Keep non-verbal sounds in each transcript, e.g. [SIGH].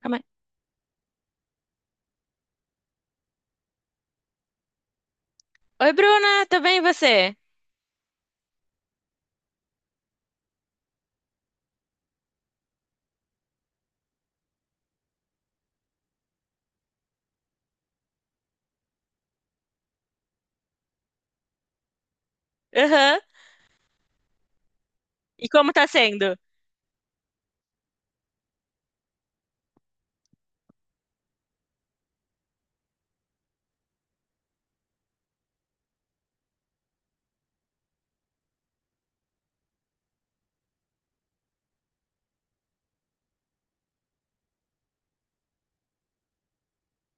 Calma aí. Oi, Bruna, tudo bem e você? Aham. E como tá sendo?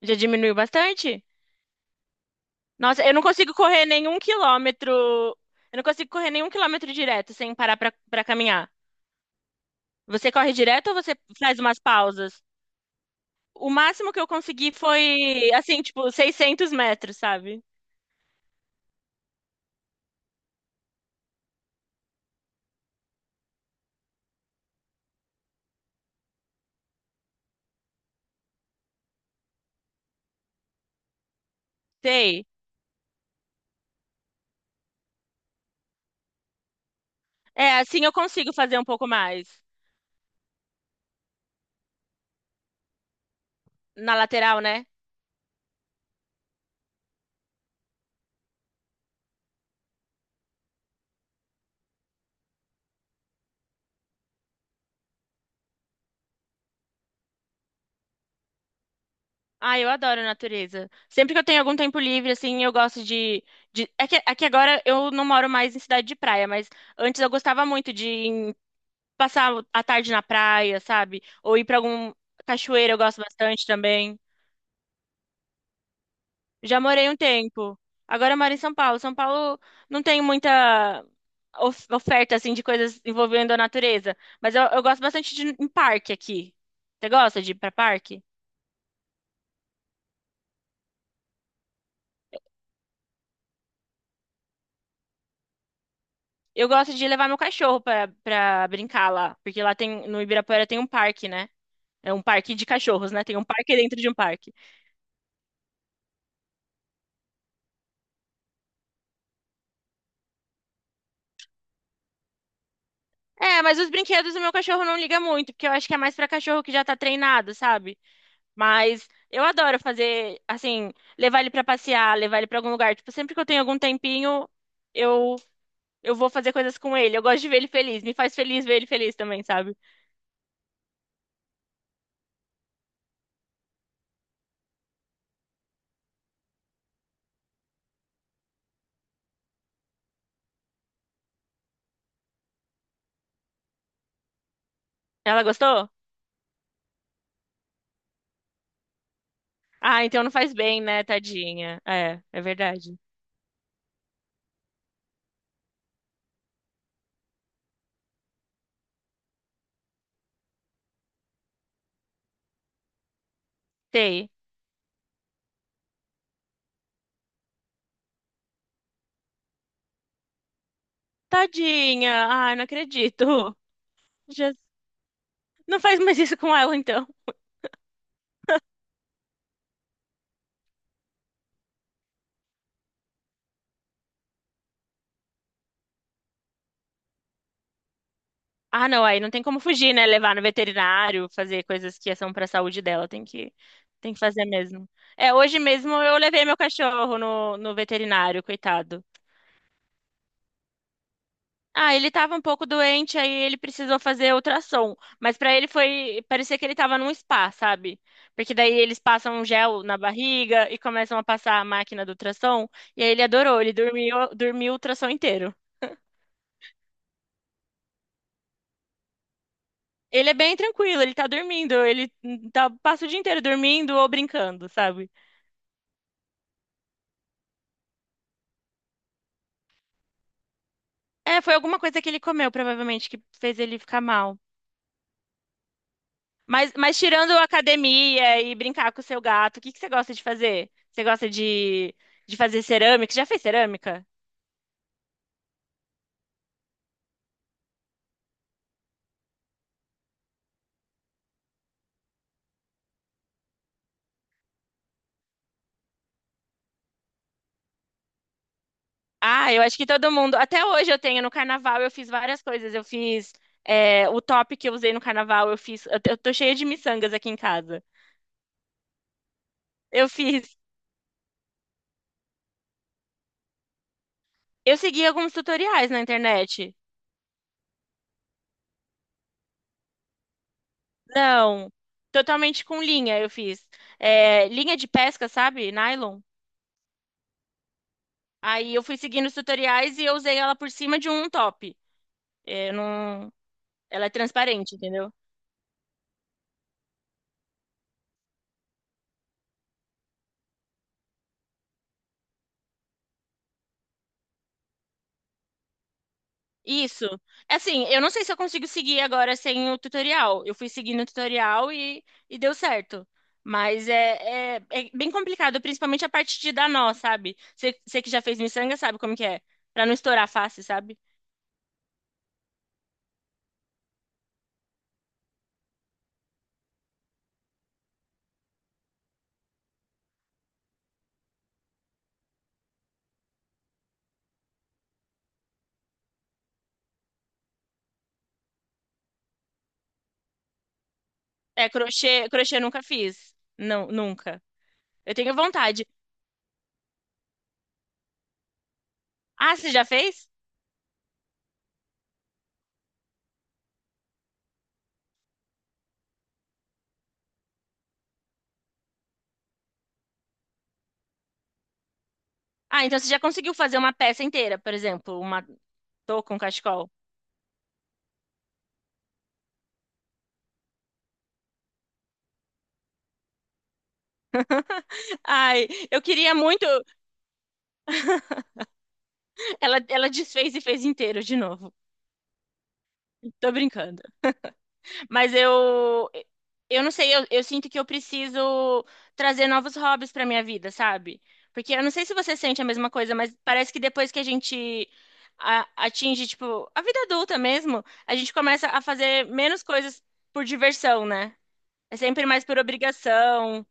Já diminuiu bastante? Nossa, eu não consigo correr nenhum quilômetro. Eu não consigo correr nenhum quilômetro direto sem parar pra caminhar. Você corre direto ou você faz umas pausas? O máximo que eu consegui foi, assim, tipo, 600 metros, sabe? Sei. É, assim eu consigo fazer um pouco mais. Na lateral, né? Ah, eu adoro a natureza. Sempre que eu tenho algum tempo livre, assim, eu gosto. É que agora eu não moro mais em cidade de praia, mas antes eu gostava muito de passar a tarde na praia, sabe? Ou ir pra algum cachoeira, eu gosto bastante também. Já morei um tempo. Agora eu moro em São Paulo. São Paulo não tem muita oferta, assim, de coisas envolvendo a natureza, mas eu gosto bastante de ir em parque aqui. Você gosta de ir pra parque? Eu gosto de levar meu cachorro pra brincar lá, porque lá tem, no Ibirapuera tem um parque, né? É um parque de cachorros, né? Tem um parque dentro de um parque. É, mas os brinquedos o meu cachorro não liga muito, porque eu acho que é mais pra cachorro que já tá treinado, sabe? Mas eu adoro fazer, assim, levar ele pra passear, levar ele pra algum lugar. Tipo, sempre que eu tenho algum tempinho, eu eu vou fazer coisas com ele. Eu gosto de ver ele feliz, me faz feliz ver ele feliz também, sabe? Ela gostou? Ah, então não faz bem, né, tadinha? É, é verdade. Sei. Tadinha. Ah, não acredito. Já... Não faz mais isso com ela, então. Ah, não, aí não tem como fugir, né? Levar no veterinário, fazer coisas que são pra saúde dela, tem que fazer mesmo. É, hoje mesmo eu levei meu cachorro no veterinário, coitado. Ah, ele tava um pouco doente, aí ele precisou fazer ultrassom, mas pra ele foi, parecia que ele tava num spa, sabe? Porque daí eles passam um gel na barriga e começam a passar a máquina do ultrassom, e aí ele adorou, ele dormiu, dormiu o ultrassom inteiro. Ele é bem tranquilo, ele tá dormindo, passa o dia inteiro dormindo ou brincando, sabe? É, foi alguma coisa que ele comeu, provavelmente, que fez ele ficar mal. Mas tirando a academia e brincar com o seu gato, o que que você gosta de fazer? Você gosta de fazer cerâmica? Já fez cerâmica? Ah, eu acho que todo mundo. Até hoje eu tenho. No carnaval eu fiz várias coisas. Eu fiz o top que eu usei no carnaval. Eu fiz. Eu tô cheia de miçangas aqui em casa. Eu fiz. Eu segui alguns tutoriais na internet. Não, totalmente com linha eu fiz. É, linha de pesca, sabe? Nylon. Aí eu fui seguindo os tutoriais e eu usei ela por cima de um top. É, não... Ela é transparente, entendeu? Isso. Assim, eu não sei se eu consigo seguir agora sem o tutorial. Eu fui seguindo o tutorial e deu certo. Mas é bem complicado, principalmente a parte de dar nó, sabe? Você que já fez miçanga sabe como que é. Pra não estourar fácil, sabe? É, crochê eu nunca fiz. Não, nunca. Eu tenho vontade. Ah, você já fez? Ah, então você já conseguiu fazer uma peça inteira, por exemplo, uma touca, com cachecol. [LAUGHS] Ai, eu queria muito. Ela desfez e fez inteiro de novo. Tô brincando. Mas eu não sei, eu sinto que eu preciso trazer novos hobbies pra minha vida, sabe? Porque eu não sei se você sente a mesma coisa, mas parece que depois que a gente atinge, tipo, a vida adulta mesmo, a gente começa a fazer menos coisas por diversão, né? É sempre mais por obrigação.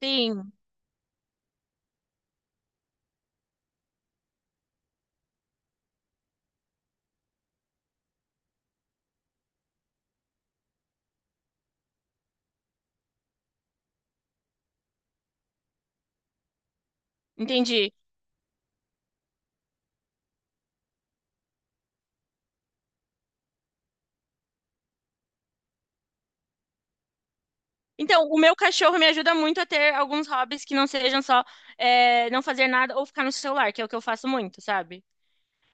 Sim. Entendi. Então, o meu cachorro me ajuda muito a ter alguns hobbies que não sejam só não fazer nada ou ficar no celular, que é o que eu faço muito, sabe?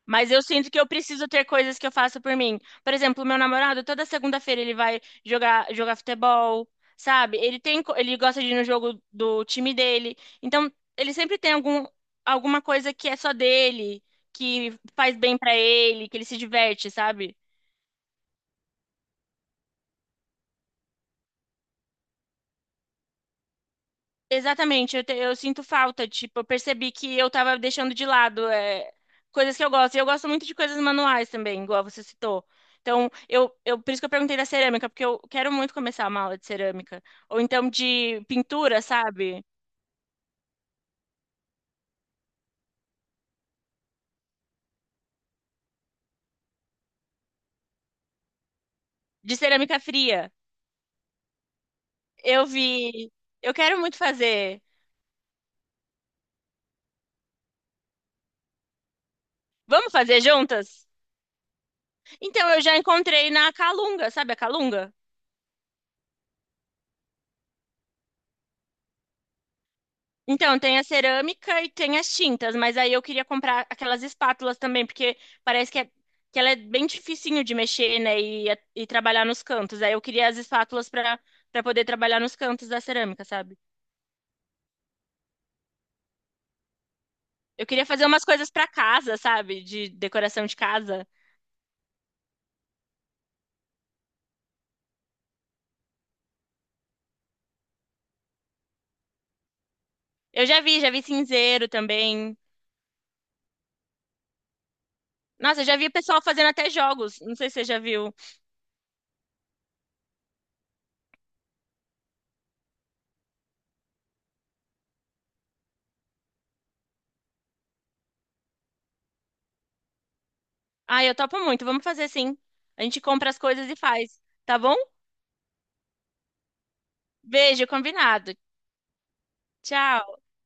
Mas eu sinto que eu preciso ter coisas que eu faço por mim. Por exemplo, o meu namorado, toda segunda-feira ele vai jogar futebol, sabe? Ele tem, ele gosta de ir no jogo do time dele. Então, ele sempre tem alguma coisa que é só dele, que faz bem pra ele, que ele se diverte, sabe? Exatamente, eu sinto falta, tipo, eu percebi que eu tava deixando de lado coisas que eu gosto. E eu gosto muito de coisas manuais também, igual você citou. Então, por isso que eu perguntei da cerâmica, porque eu quero muito começar uma aula de cerâmica. Ou então de pintura, sabe? De cerâmica fria. Eu vi, eu quero muito fazer. Vamos fazer juntas? Então, eu já encontrei na Calunga, sabe a Calunga? Então, tem a cerâmica e tem as tintas, mas aí eu queria comprar aquelas espátulas também, porque parece que, que ela é bem dificinho de mexer, né, e trabalhar nos cantos. Aí eu queria as espátulas para poder trabalhar nos cantos da cerâmica, sabe? Eu queria fazer umas coisas para casa, sabe? De decoração de casa. Eu já vi cinzeiro também. Nossa, eu já vi o pessoal fazendo até jogos. Não sei se você já viu. Ah, eu topo muito. Vamos fazer sim. A gente compra as coisas e faz, tá bom? Beijo, combinado. Tchau.